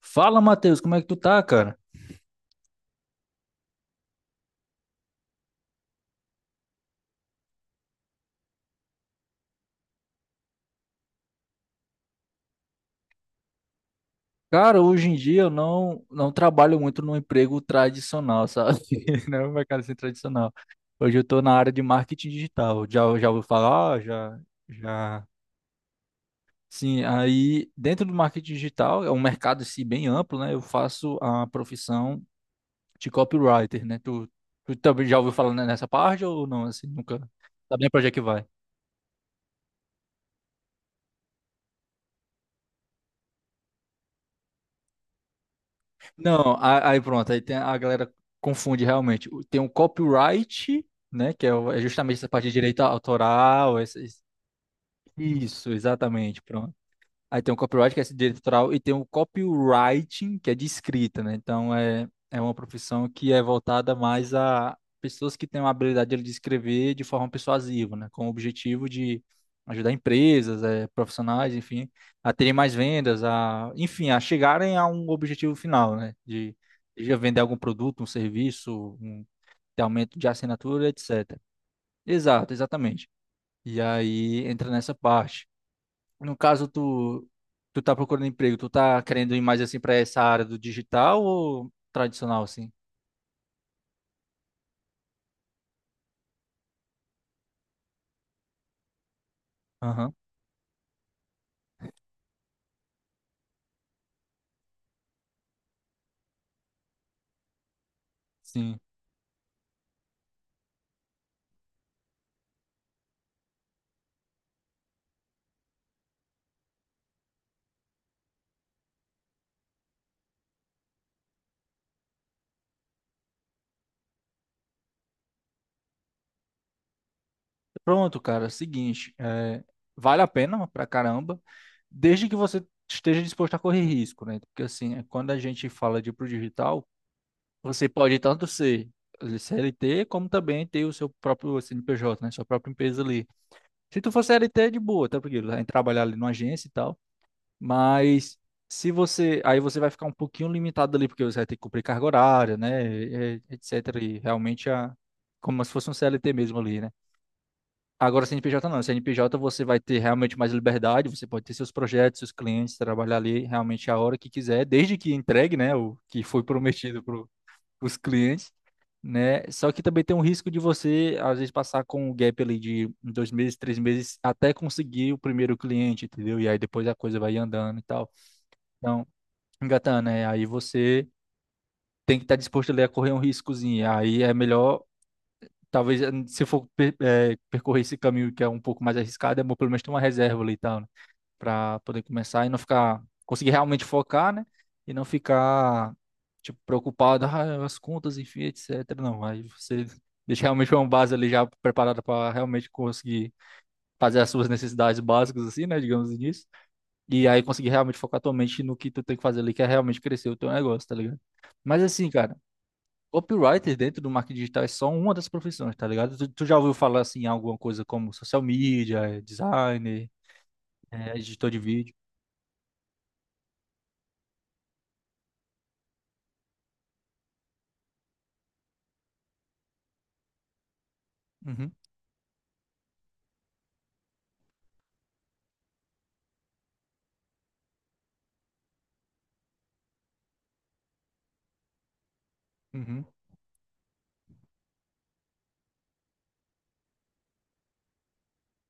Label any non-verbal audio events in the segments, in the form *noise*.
Fala, Matheus, como é que tu tá, cara? Cara, hoje em dia eu não trabalho muito no emprego tradicional, sabe? *laughs* Não é um mercado assim tradicional. Hoje eu tô na área de marketing digital. Já ouviu falar? Já, já. Sim, aí dentro do marketing digital é um mercado assim, bem amplo, né? Eu faço a profissão de copywriter, né? Tu também já ouviu falar nessa parte ou não? Assim, nunca. Sabe nem pra onde é que vai? Não, aí pronto, a galera confunde realmente. Tem o copyright, né, que é é justamente essa parte de direito autoral. Isso, exatamente. Aí tem o copyright, que é esse direito autoral, e tem o copywriting, que é de escrita, né? Então é uma profissão que é voltada mais a pessoas que têm uma habilidade de escrever de forma persuasiva, né? Com o objetivo de ajudar empresas, profissionais, enfim, a terem mais vendas, a, enfim, a chegarem a um objetivo final, né? De vender algum produto, um serviço, um ter aumento de assinatura, etc. Exato, exatamente. E aí entra nessa parte. No caso, tu tá procurando emprego, tu tá querendo ir mais assim pra essa área do digital ou tradicional, assim? Aham, sim. Pronto, cara, seguinte, vale a pena pra caramba, desde que você esteja disposto a correr risco, né? Porque assim, quando a gente fala de ir pro digital, você pode tanto ser CLT, como também ter o seu próprio CNPJ, né? Sua própria empresa ali. Se tu for CLT, é de boa, tá? Porque vai trabalhar ali numa agência e tal. Mas se você. Aí você vai ficar um pouquinho limitado ali, porque você vai ter que cumprir carga horária, né? Etc. E realmente a. Como se fosse um CLT mesmo ali, né? Agora, CNPJ não. CNPJ você vai ter realmente mais liberdade, você pode ter seus projetos, seus clientes, trabalhar ali realmente a hora que quiser, desde que entregue, né? O que foi prometido para os clientes, né? Só que também tem um risco de você, às vezes, passar com um gap ali de 2 meses, 3 meses, até conseguir o primeiro cliente, entendeu? E aí depois a coisa vai andando e tal. Então, engatando, né? Aí você tem que estar disposto ali a correr um riscozinho. Aí é melhor, talvez, se for percorrer esse caminho que é um pouco mais arriscado, é bom pelo menos ter uma reserva ali e tal, né? Pra poder começar e não ficar, conseguir realmente focar, né? E não ficar, tipo, preocupado, as contas, enfim, etc. Não, aí você deixa realmente uma base ali já preparada para realmente conseguir fazer as suas necessidades básicas, assim, né? Digamos assim. E aí conseguir realmente focar tua mente no que tu tem que fazer ali, que é realmente crescer o teu negócio, tá ligado? Mas assim, cara, copywriter dentro do marketing digital é só uma das profissões, tá ligado? Tu já ouviu falar assim em alguma coisa como social media, designer, editor de vídeo? Uhum, uhum.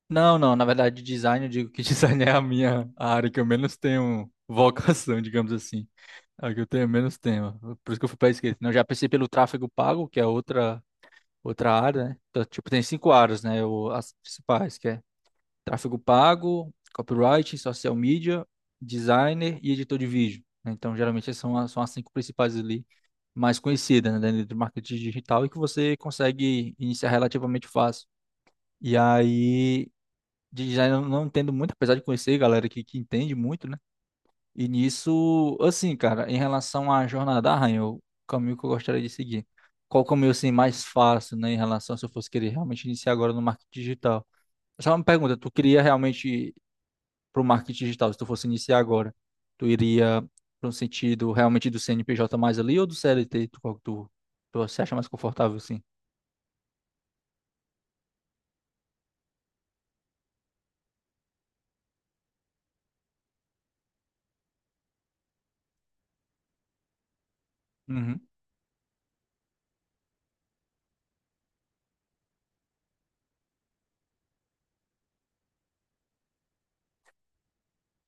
Não, não, na verdade, design, eu digo que *laughs* design é a minha a área que eu menos tenho vocação, *laughs* digamos assim. É a que eu tenho menos tema. Por isso que eu fui para esquerda. Não, eu já pensei pelo tráfego pago, que é outra área, né? Então, tipo, tem cinco áreas, né? As principais, que é tráfego pago, copywriting, social media, designer e editor de vídeo, né? Então, geralmente, essas são as cinco principais ali, mais conhecidas, né, dentro do marketing digital e que você consegue iniciar relativamente fácil. E aí, de design eu não entendo muito, apesar de conhecer galera que entende muito, né? E nisso, assim, cara, em relação à jornada da Rainha, o caminho que eu gostaria de seguir. Qual o caminho, assim, mais fácil, né, em relação se eu fosse querer realmente iniciar agora no marketing digital? Só uma pergunta, tu queria realmente para o marketing digital, se tu fosse iniciar agora, tu iria para um sentido realmente do CNPJ mais ali ou do CLT? Qual que tu se acha mais confortável assim? Uhum.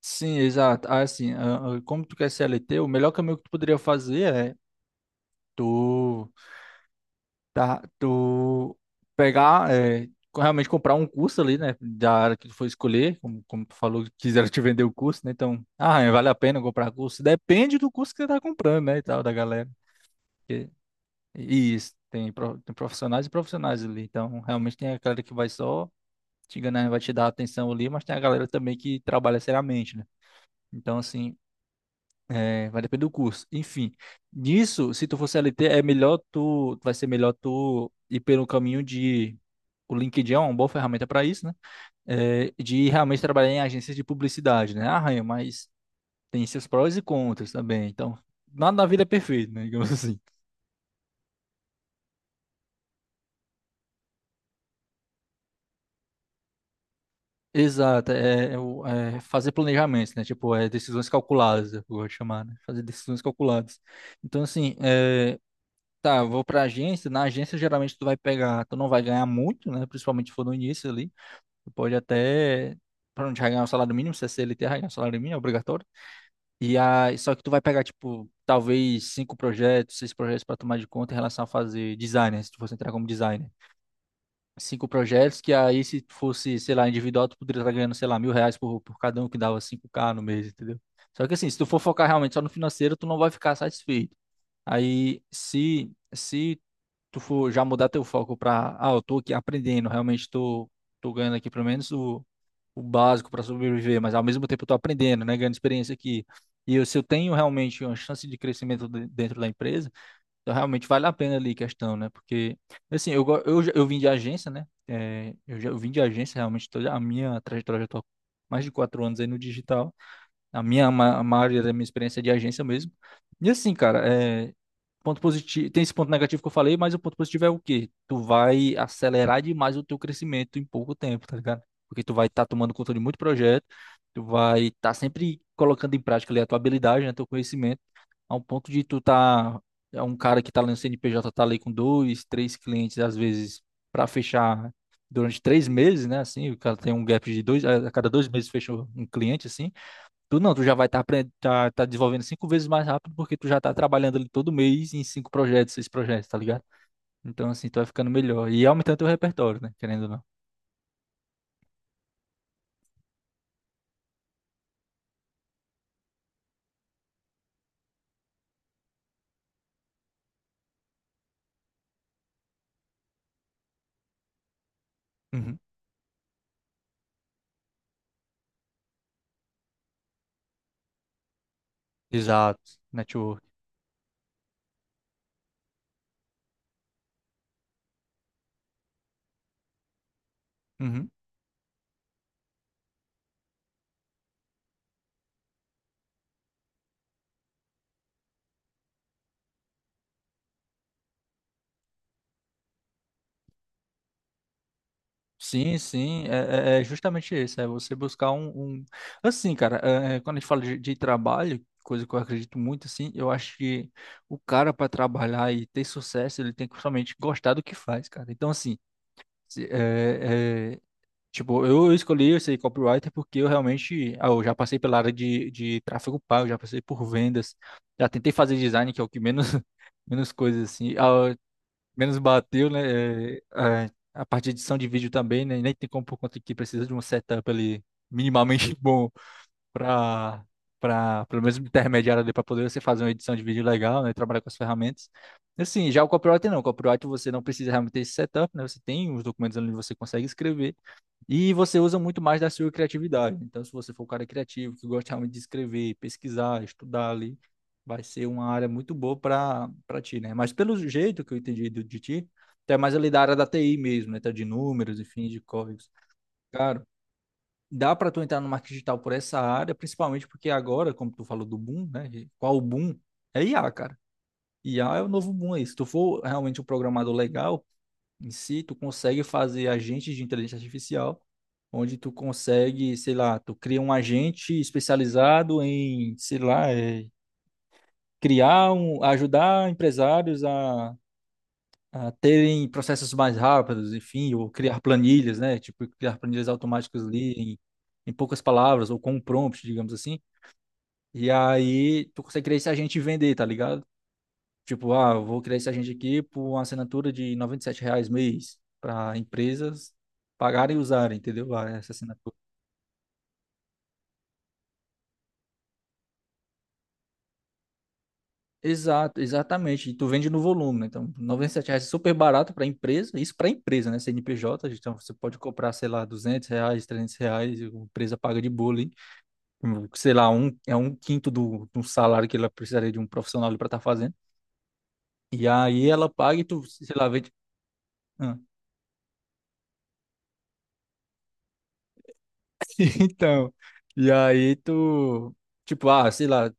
Sim, exato. Ah, assim, como tu quer CLT, o melhor caminho que tu poderia fazer é tu, tá, tu pegar, realmente comprar um curso ali, né, da área que tu for escolher, como tu falou, que quiseram te vender o curso, né, então, vale a pena comprar curso? Depende do curso que você tá comprando, né, e tal, da galera. E isso, tem profissionais e profissionais ali. Então, realmente tem a galera que vai só te enganar, vai te dar atenção ali, mas tem a galera também que trabalha seriamente, né? Então, assim, vai depender do curso. Enfim, nisso, se tu for CLT, vai ser melhor tu ir pelo caminho de. O LinkedIn é uma boa ferramenta para isso, né? É, de realmente trabalhar em agências de publicidade, né? Arranha, mas tem seus prós e contras também. Então, nada na vida é perfeito, né? *laughs* Digamos assim. Exato, é fazer planejamentos, né? Tipo, é decisões calculadas, eu vou chamar, né? Fazer decisões calculadas. Então, assim, eu vou pra agência, na agência geralmente tu vai pegar, tu não vai ganhar muito, né? Principalmente se for no início ali, tu pode até, pra não te ganhar o salário mínimo, se é CLT, vai ganhar o salário mínimo, é obrigatório. E aí, só que tu vai pegar, tipo, talvez cinco projetos, seis projetos pra tomar de conta em relação a fazer design, né? Se tu fosse entrar como designer cinco projetos, que aí se fosse, sei lá, individual, tu poderia estar ganhando, sei lá, R$ 1.000 por cada um, que dava 5K no mês, entendeu? Só que assim, se tu for focar realmente só no financeiro, tu não vai ficar satisfeito. Aí, se tu for já mudar teu foco para, ah, eu tô aqui aprendendo, realmente tô ganhando aqui pelo menos o básico para sobreviver, mas ao mesmo tempo eu tô aprendendo, né, ganhando experiência aqui. E se eu tenho realmente uma chance de crescimento dentro da empresa, então, realmente vale a pena ali a questão, né? Porque, assim, eu, go- eu, já- eu vim de agência, né? É, eu vim de agência, realmente, toda a minha trajetória já tô há mais de 4 anos aí no digital. A maioria da minha experiência é de agência mesmo. E assim, cara, ponto positivo, tem esse ponto negativo que eu falei, mas o ponto positivo é o quê? Tu vai acelerar demais o teu crescimento em pouco tempo, tá ligado? Porque tu vai estar tomando conta de muito projeto, tu vai estar sempre colocando em prática ali a tua habilidade, né, teu conhecimento, ao ponto de tu tá é um cara que tá lá no CNPJ tá ali com dois, três clientes às vezes para fechar durante 3 meses, né? Assim, o cara tem um gap de dois, a cada 2 meses fecha um cliente assim. Tu não, tu já vai estar tá desenvolvendo cinco vezes mais rápido porque tu já tá trabalhando ali todo mês em cinco projetos, seis projetos, tá ligado? Então, assim, tu vai ficando melhor. E aumentando teu repertório, né? Querendo ou não. Uhum. Exato. Network. Uhum. Sim, sim. É justamente isso. É você buscar um- assim, cara, quando a gente fala de trabalho, coisa que eu acredito muito, assim, eu acho que o cara, para trabalhar e ter sucesso, ele tem que somente gostar do que faz, cara. Então, assim. Se- É, é, Tipo, eu escolhi esse copywriter porque eu realmente, eu já passei pela área de tráfego pago, já passei por vendas, já tentei fazer design, que é o que menos, *laughs* menos coisas assim, menos bateu, né? A parte de edição de vídeo também, né? Nem tem como por conta que precisa de um setup ali minimamente *laughs* bom para para pelo menos intermediário ali para poder você fazer uma edição de vídeo legal, né? Trabalhar com as ferramentas. Assim, já o copywriter não, o copywriter você não precisa realmente ter esse setup, né? Você tem os documentos ali onde você consegue escrever. E você usa muito mais da sua criatividade. Então, se você for um cara criativo, que gosta realmente de escrever, pesquisar, estudar ali, vai ser uma área muito boa para ti, né? Mas pelo jeito que eu entendi de ti, até mais ali da área da TI mesmo, né? Tá de números, enfim, de códigos. Cara, dá para tu entrar no marketing digital por essa área, principalmente porque agora, como tu falou do boom, né? Qual o boom? É IA, cara. IA é o novo boom aí. Se tu for realmente um programador legal, em si, tu consegue fazer agentes de inteligência artificial, onde tu consegue, sei lá, tu cria um agente especializado em, sei lá, criar um, ajudar empresários a terem processos mais rápidos, enfim, ou criar planilhas, né? Tipo, criar planilhas automáticas ali em poucas palavras, ou com um prompt, digamos assim. E aí tu consegue criar esse agente e vender, tá ligado? Tipo, eu vou criar esse agente aqui por uma assinatura de R$ 97 mês para empresas pagarem e usarem, entendeu? Ah, essa assinatura. Exato, exatamente. E tu vende no volume, né? Então, R$ noventa e sete reais é super barato para empresa, isso para empresa, né? CNPJ, então você pode comprar, sei lá, R$ 200, R$ 300, e a empresa paga de boa ali. Sei lá, é um quinto do salário que ela precisaria de um profissional para estar fazendo. E aí ela paga e tu, sei lá, vende. Ah. *laughs* Então, e aí tu, tipo, sei lá,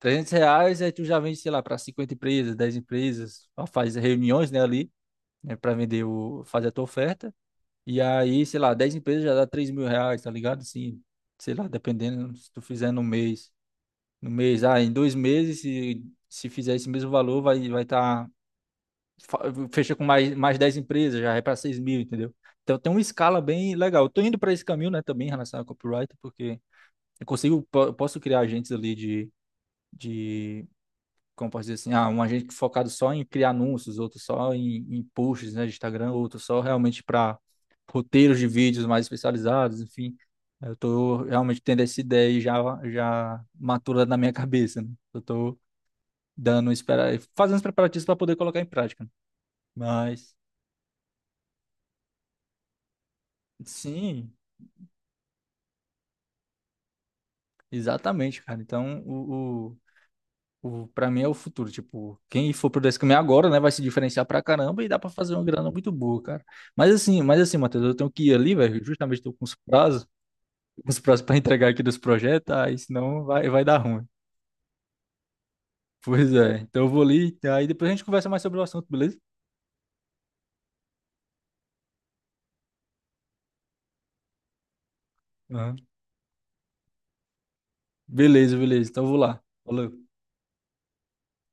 R$ 300, aí tu já vende, sei lá, para 50 empresas, 10 empresas, ó, faz reuniões, né, ali, né, para vender o, fazer a tua oferta. E aí, sei lá, 10 empresas já dá R$ 3.000, tá ligado? Assim, sei lá, dependendo se tu fizer no mês. No mês, em 2 meses, se fizer esse mesmo valor, vai fa- fecha com mais 10 empresas, já é para 6 mil, entendeu? Então tem uma escala bem legal. Eu tô indo para esse caminho, né, também em relação ao copyright, porque eu consigo, posso criar agentes ali de como posso dizer assim, um agente focado só em criar anúncios, outro só em posts, né, de Instagram, outro só realmente para roteiros de vídeos mais especializados, enfim. Eu tô realmente tendo essa ideia e já matura na minha *laughs* cabeça, né? Eu tô dando, espera, fazendo os preparativos para poder colocar em prática, né. Mas, sim, exatamente, cara. Então, pra mim é o futuro. Tipo, quem for por esse caminho agora, né, vai se diferenciar pra caramba e dá pra fazer uma grana muito boa, cara. Mas assim, Matheus, eu tenho que ir ali, velho. Justamente tô com os prazos pra entregar aqui dos projetos, aí senão vai dar ruim. Pois é. Então eu vou ali, aí depois a gente conversa mais sobre o assunto, beleza? Aham. Beleza, beleza. Então eu vou lá. Falou.